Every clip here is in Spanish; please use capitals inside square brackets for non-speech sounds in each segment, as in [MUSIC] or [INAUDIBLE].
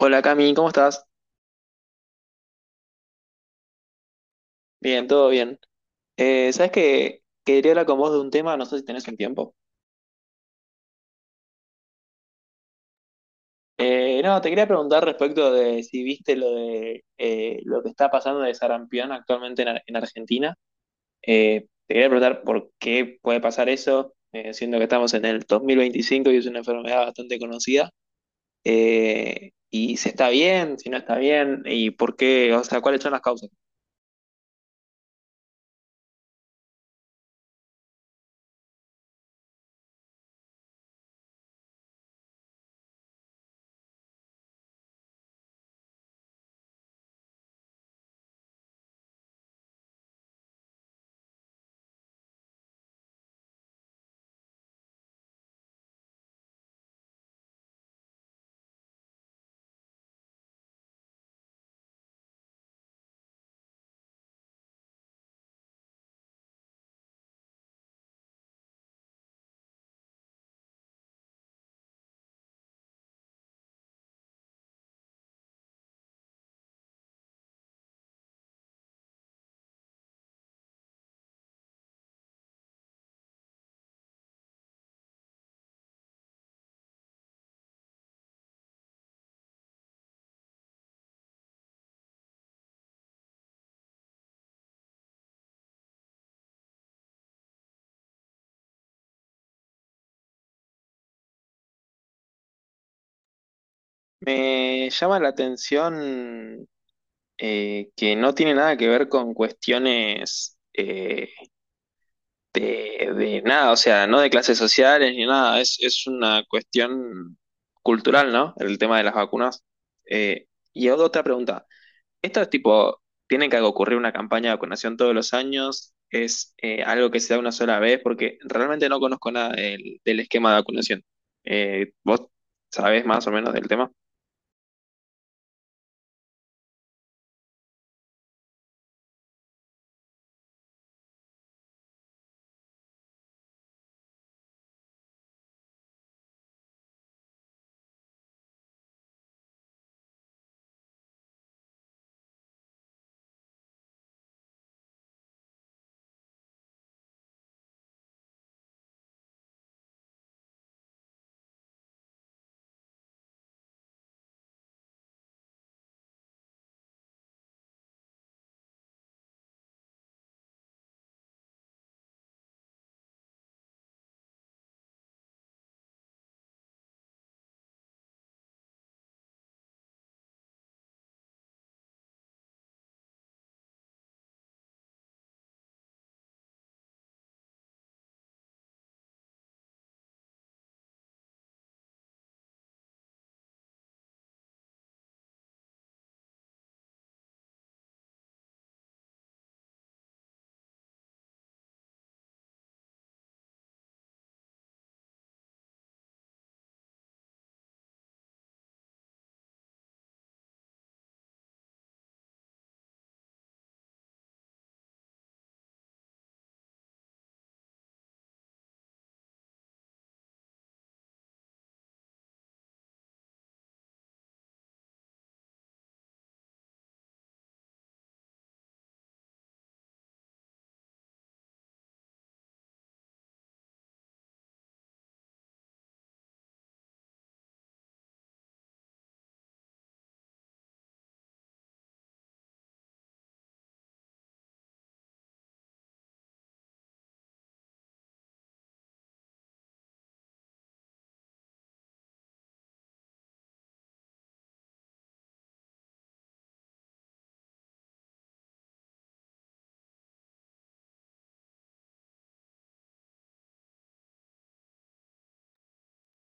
Hola Cami, ¿cómo estás? Bien, todo bien. ¿Sabes qué? Quería hablar con vos de un tema, no sé si tenés un tiempo. No, Te quería preguntar respecto de si viste lo de lo que está pasando de sarampión actualmente en, en Argentina. Te quería preguntar por qué puede pasar eso, siendo que estamos en el 2025 y es una enfermedad bastante conocida. Y si está bien, si no está bien, y por qué, o sea, cuáles son las causas. Me llama la atención que no tiene nada que ver con cuestiones de nada, o sea, no de clases sociales ni nada, es una cuestión cultural, ¿no? El tema de las vacunas. Eh, y hago otra pregunta, ¿esto es tipo, tiene que ocurrir una campaña de vacunación todos los años? ¿Es algo que se da una sola vez? Porque realmente no conozco nada del esquema de vacunación. ¿Vos sabés más o menos del tema?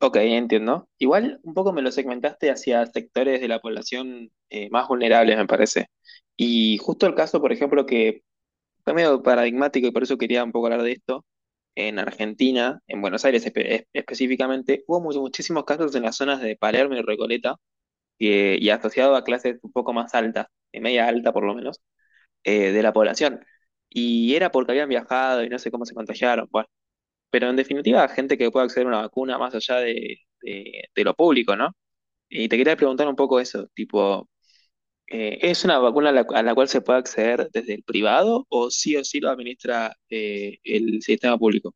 Ok, entiendo. Igual un poco me lo segmentaste hacia sectores de la población más vulnerables, me parece. Y justo el caso, por ejemplo, que fue medio paradigmático y por eso quería un poco hablar de esto, en Argentina, en Buenos Aires específicamente, hubo muchísimos casos en las zonas de Palermo y Recoleta y asociado a clases un poco más altas, de media alta por lo menos, de la población. Y era porque habían viajado y no sé cómo se contagiaron. Bueno, pero en definitiva, gente que pueda acceder a una vacuna más allá de, de lo público, ¿no? Y te quería preguntar un poco eso, tipo, ¿es una vacuna a la cual se puede acceder desde el privado o sí lo administra el sistema público?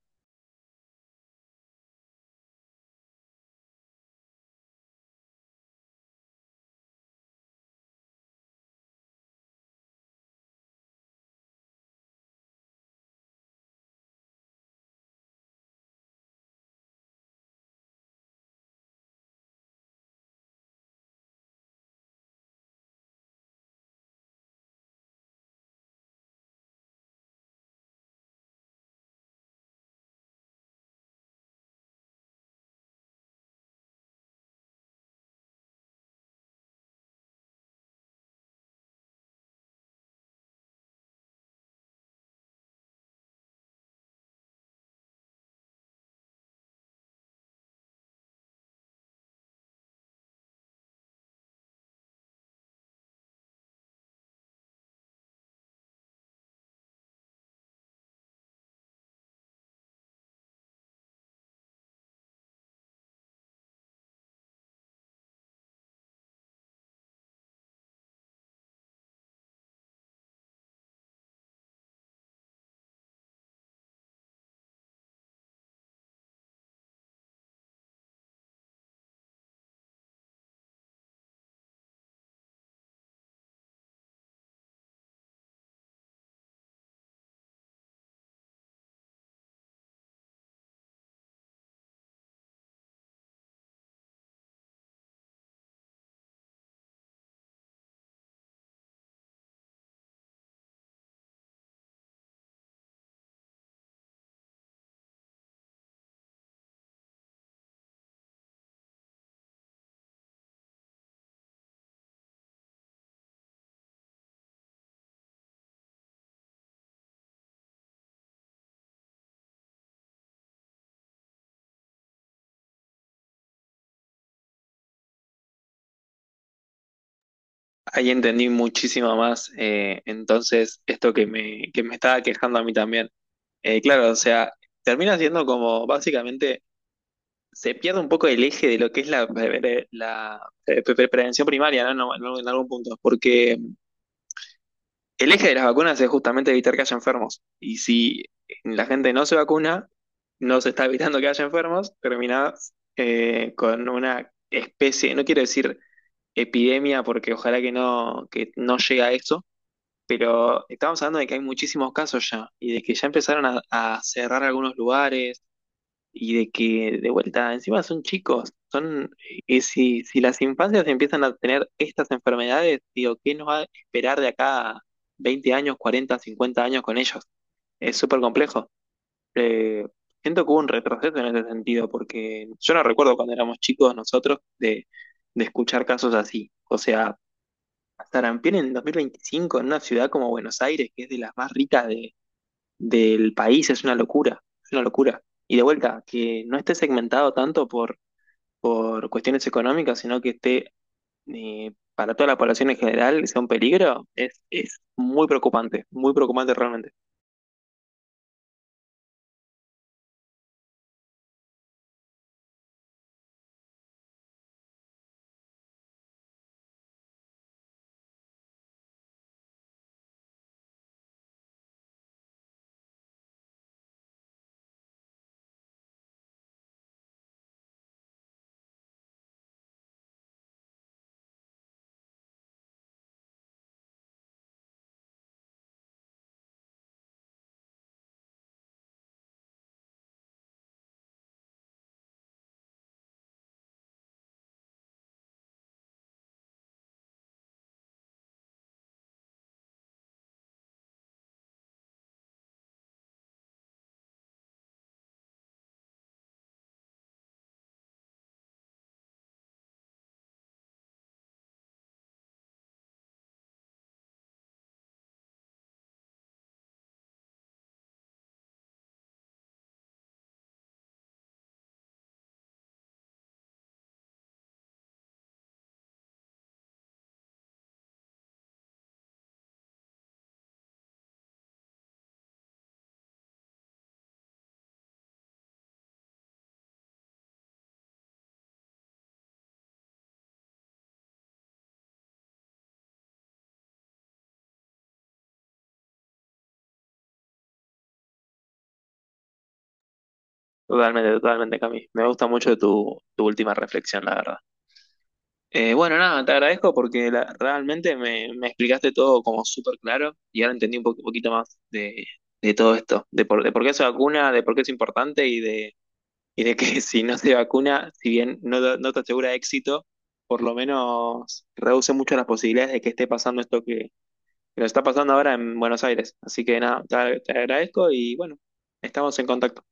Ahí entendí muchísimo más, entonces, esto que me estaba quejando a mí también. Claro, o sea, termina siendo como básicamente se pierde un poco el eje de lo que es la, la, prevención primaria, ¿no? En algún punto, porque el eje de las vacunas es justamente evitar que haya enfermos. Y si la gente no se vacuna, no se está evitando que haya enfermos, terminás con una especie, no quiero decir epidemia porque ojalá que no llegue a eso, pero estamos hablando de que hay muchísimos casos ya y de que ya empezaron a cerrar algunos lugares, y de que de vuelta, encima son chicos, son, y si, si las infancias empiezan a tener estas enfermedades, digo, ¿qué nos va a esperar de acá a 20 años, 40 50 años con ellos? Es súper complejo. Eh, Siento que hubo un retroceso en ese sentido, porque yo no recuerdo cuando éramos chicos nosotros de escuchar casos así. O sea, sarampión en 2025 en una ciudad como Buenos Aires, que es de las más ricas de, del país, es una locura, es una locura. Y de vuelta, que no esté segmentado tanto por cuestiones económicas, sino que esté para toda la población en general, sea un peligro, es muy preocupante realmente. Totalmente, totalmente, Cami. Me gusta mucho tu, tu última reflexión, la verdad. Bueno, nada, te agradezco porque realmente me, me explicaste todo como súper claro y ahora entendí un poquito más de todo esto, de por qué es vacuna, de por qué es importante y de que [LAUGHS] si no se vacuna, si bien no, no te asegura éxito, por lo menos reduce mucho las posibilidades de que esté pasando esto que nos está pasando ahora en Buenos Aires. Así que nada, te agradezco y bueno, estamos en contacto.